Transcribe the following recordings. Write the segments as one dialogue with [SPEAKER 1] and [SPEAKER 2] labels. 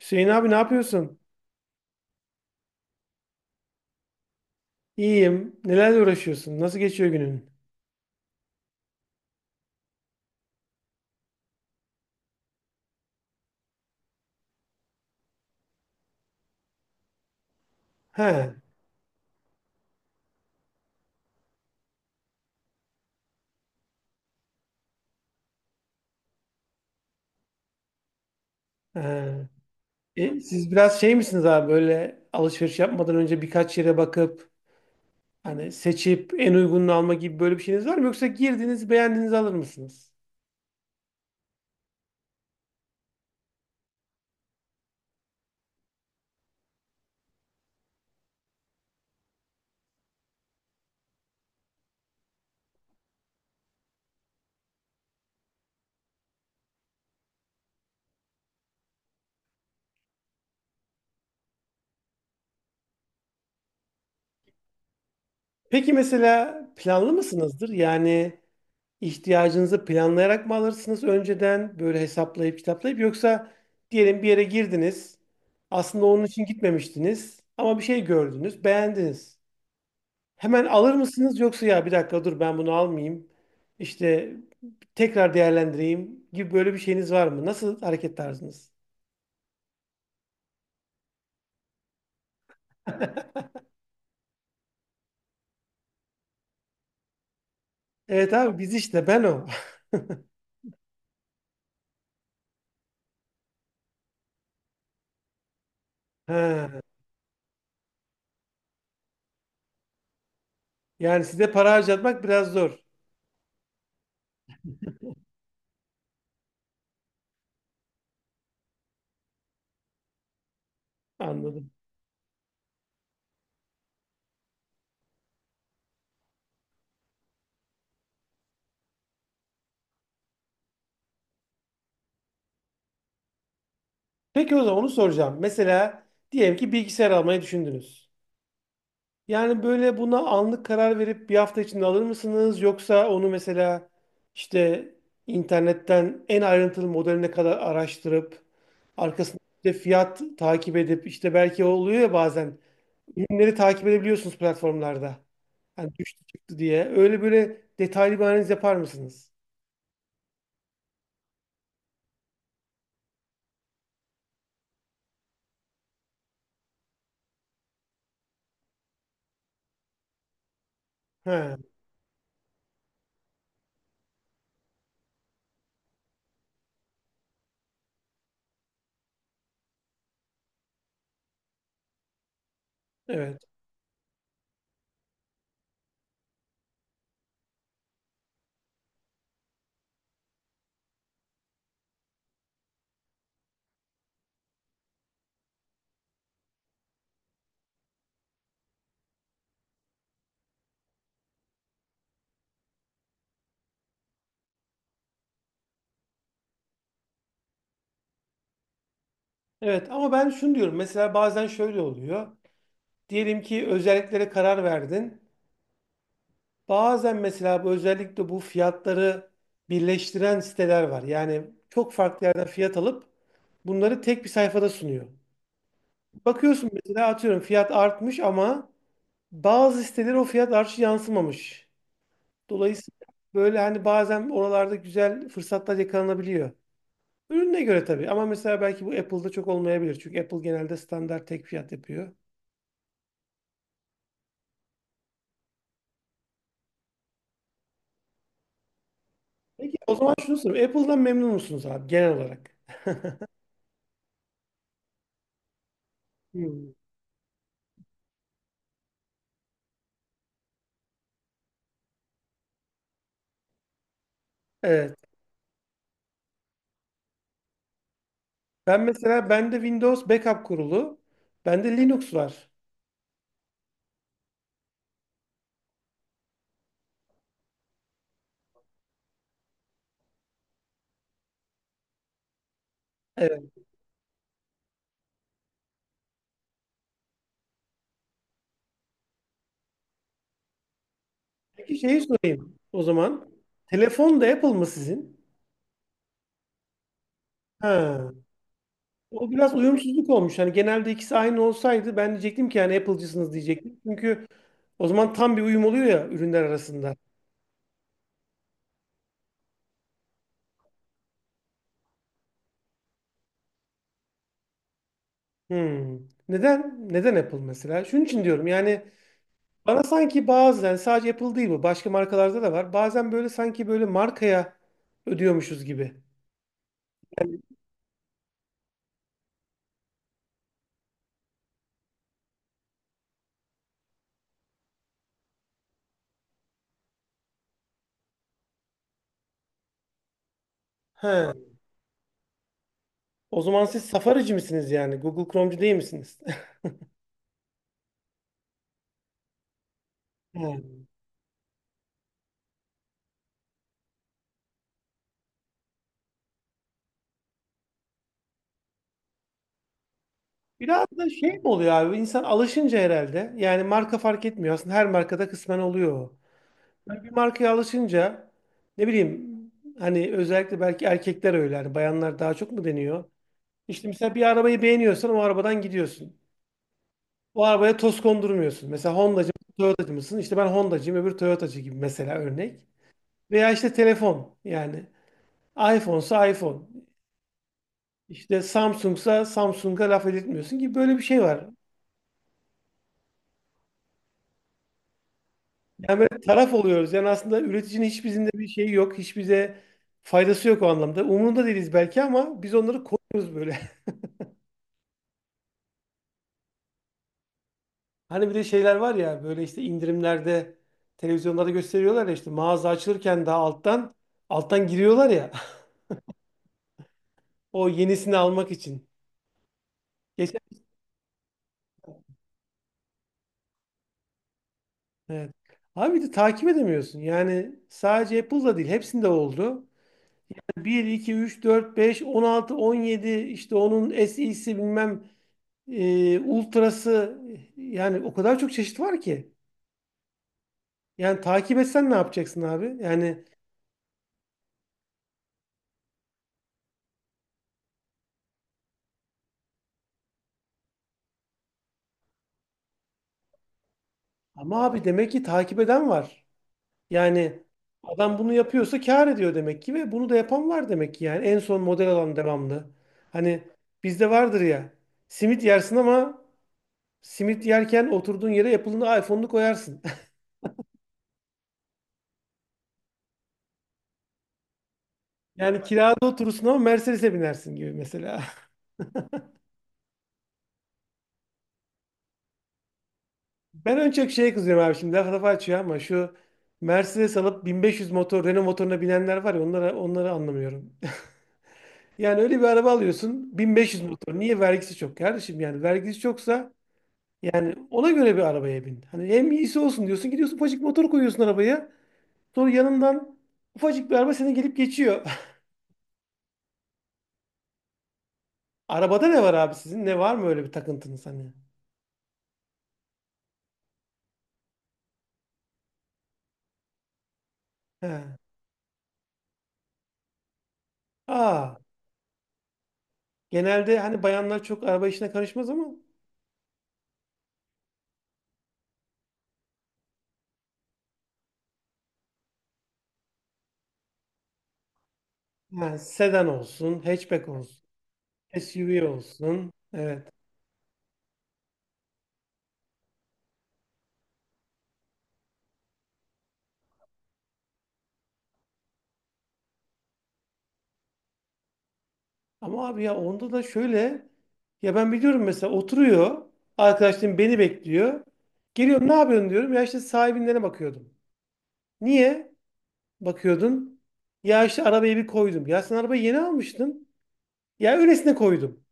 [SPEAKER 1] Hüseyin abi ne yapıyorsun? İyiyim. Nelerle uğraşıyorsun? Nasıl geçiyor günün? He. He. E, siz biraz şey misiniz abi böyle alışveriş yapmadan önce birkaç yere bakıp hani seçip en uygununu alma gibi böyle bir şeyiniz var mı? Yoksa girdiniz beğendiğinizi alır mısınız? Peki mesela planlı mısınızdır? Yani ihtiyacınızı planlayarak mı alırsınız önceden böyle hesaplayıp kitaplayıp yoksa diyelim bir yere girdiniz aslında onun için gitmemiştiniz ama bir şey gördünüz beğendiniz. Hemen alır mısınız yoksa ya bir dakika dur ben bunu almayayım. İşte tekrar değerlendireyim gibi böyle bir şeyiniz var mı? Nasıl hareket tarzınız? Evet abi biz işte ben o. Ha. Yani size para harcatmak biraz zor. Anladım. Peki o zaman onu soracağım. Mesela diyelim ki bilgisayar almayı düşündünüz. Yani böyle buna anlık karar verip bir hafta içinde alır mısınız? Yoksa onu mesela işte internetten en ayrıntılı modeline kadar araştırıp arkasında işte fiyat takip edip işte belki oluyor ya bazen ürünleri takip edebiliyorsunuz platformlarda. Hani düştü çıktı diye. Öyle böyle detaylı bir analiz yapar mısınız? He, evet. Evet, ama ben şunu diyorum. Mesela bazen şöyle oluyor. Diyelim ki özelliklere karar verdin. Bazen mesela bu özellikle bu fiyatları birleştiren siteler var. Yani çok farklı yerden fiyat alıp bunları tek bir sayfada sunuyor. Bakıyorsun mesela atıyorum fiyat artmış ama bazı siteler o fiyat artışı yansımamış. Dolayısıyla böyle hani bazen oralarda güzel fırsatlar yakalanabiliyor. Ürüne göre tabii ama mesela belki bu Apple'da çok olmayabilir. Çünkü Apple genelde standart tek fiyat yapıyor. Peki o zaman şunu sorayım. Apple'dan memnun musunuz abi genel olarak? Hmm. Evet. Ben mesela bende Windows backup kurulu, bende Linux var. Evet. Peki şeyi sorayım o zaman. Telefon da Apple mı sizin? Ha. O biraz uyumsuzluk olmuş. Hani genelde ikisi aynı olsaydı ben diyecektim ki yani Apple'cısınız diyecektim. Çünkü o zaman tam bir uyum oluyor ya ürünler arasında. Hmm. Neden? Neden Apple mesela? Şunun için diyorum yani bana sanki bazen sadece Apple değil bu başka markalarda da var. Bazen böyle sanki böyle markaya ödüyormuşuz gibi. He. O zaman siz Safari'ci misiniz yani? Google Chrome'cu değil misiniz? Hmm. Biraz da şey mi oluyor abi? İnsan alışınca herhalde. Yani marka fark etmiyor. Aslında her markada kısmen oluyor. O. Yani bir markaya alışınca ne bileyim hani özellikle belki erkekler öyle. Hani bayanlar daha çok mu deniyor? İşte mesela bir arabayı beğeniyorsan o arabadan gidiyorsun. O arabaya toz kondurmuyorsun. Mesela Honda'cı, Toyota'cı mısın? İşte ben Honda'cıyım, öbür Toyota'cı gibi mesela örnek. Veya işte telefon yani. iPhone'sa iPhone. İşte Samsung'sa Samsung'a laf edilmiyorsun ki böyle bir şey var. Yani böyle taraf oluyoruz. Yani aslında üreticinin hiç bizimle bir şeyi yok. Hiç bize faydası yok o anlamda. Umurunda değiliz belki ama biz onları koruyoruz böyle. Hani bir de şeyler var ya böyle işte indirimlerde televizyonlarda gösteriyorlar ya işte mağaza açılırken daha alttan alttan giriyorlar ya o yenisini almak için. Geçen, evet. Abi bir de takip edemiyorsun. Yani sadece Apple'da değil hepsinde oldu. Bir iki üç dört beş 16 17 işte onun SE'si bilmem Ultra'sı yani o kadar çok çeşit var ki. Yani takip etsen ne yapacaksın abi? Yani ama abi demek ki takip eden var. Yani adam bunu yapıyorsa kâr ediyor demek ki ve bunu da yapan var demek ki yani en son model alan devamlı. Hani bizde vardır ya simit yersin ama simit yerken oturduğun yere Apple'ın iPhone'unu koyarsın. Yani kirada oturursun ama Mercedes'e binersin gibi mesela. Ben en çok şeye kızıyorum abi şimdi laf lafı açıyor ama şu Mercedes alıp 1500 motor Renault motoruna binenler var ya onlara onları anlamıyorum. Yani öyle bir araba alıyorsun 1500 motor. Niye vergisi çok kardeşim yani vergisi çoksa yani ona göre bir arabaya bin. Hani hem iyisi olsun diyorsun gidiyorsun ufacık motor koyuyorsun arabaya. Sonra yanından ufacık bir araba seni gelip geçiyor. Arabada ne var abi sizin? Ne var mı öyle bir takıntınız hani? He. Aa, genelde hani bayanlar çok araba işine karışmaz ama yani sedan olsun, hatchback olsun. SUV olsun. Evet. Ama abi ya onda da şöyle ya ben biliyorum mesela oturuyor arkadaşlarım beni bekliyor. Geliyorum ne yapıyorsun diyorum. Ya işte sahibinlere bakıyordum. Niye bakıyordun? Ya işte arabayı bir koydum. Ya sen arabayı yeni almıştın. Ya öylesine koydum.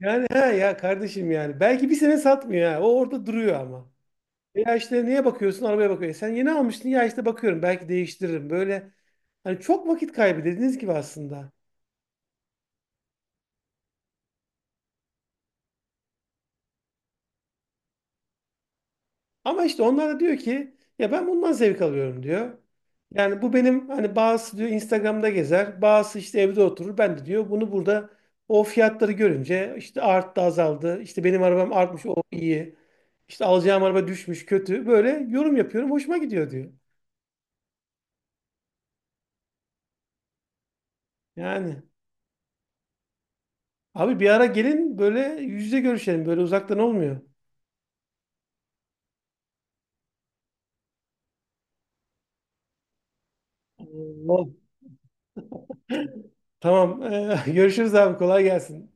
[SPEAKER 1] Yani ha ya kardeşim yani. Belki bir sene satmıyor ha. O orada duruyor ama. Ya işte niye bakıyorsun? Arabaya bakıyorsun? Sen yeni almıştın. Ya işte bakıyorum. Belki değiştiririm. Böyle hani çok vakit kaybı dediğiniz gibi aslında. Ama işte onlar da diyor ki ya ben bundan zevk alıyorum diyor. Yani bu benim hani bazısı diyor Instagram'da gezer, bazısı işte evde oturur. Ben de diyor bunu burada o fiyatları görünce işte arttı azaldı. İşte benim arabam artmış o iyi. İşte alacağım araba düşmüş kötü. Böyle yorum yapıyorum hoşuma gidiyor diyor. Yani abi bir ara gelin böyle yüz yüze görüşelim böyle uzaktan olmuyor. Allah. Tamam görüşürüz abi kolay gelsin.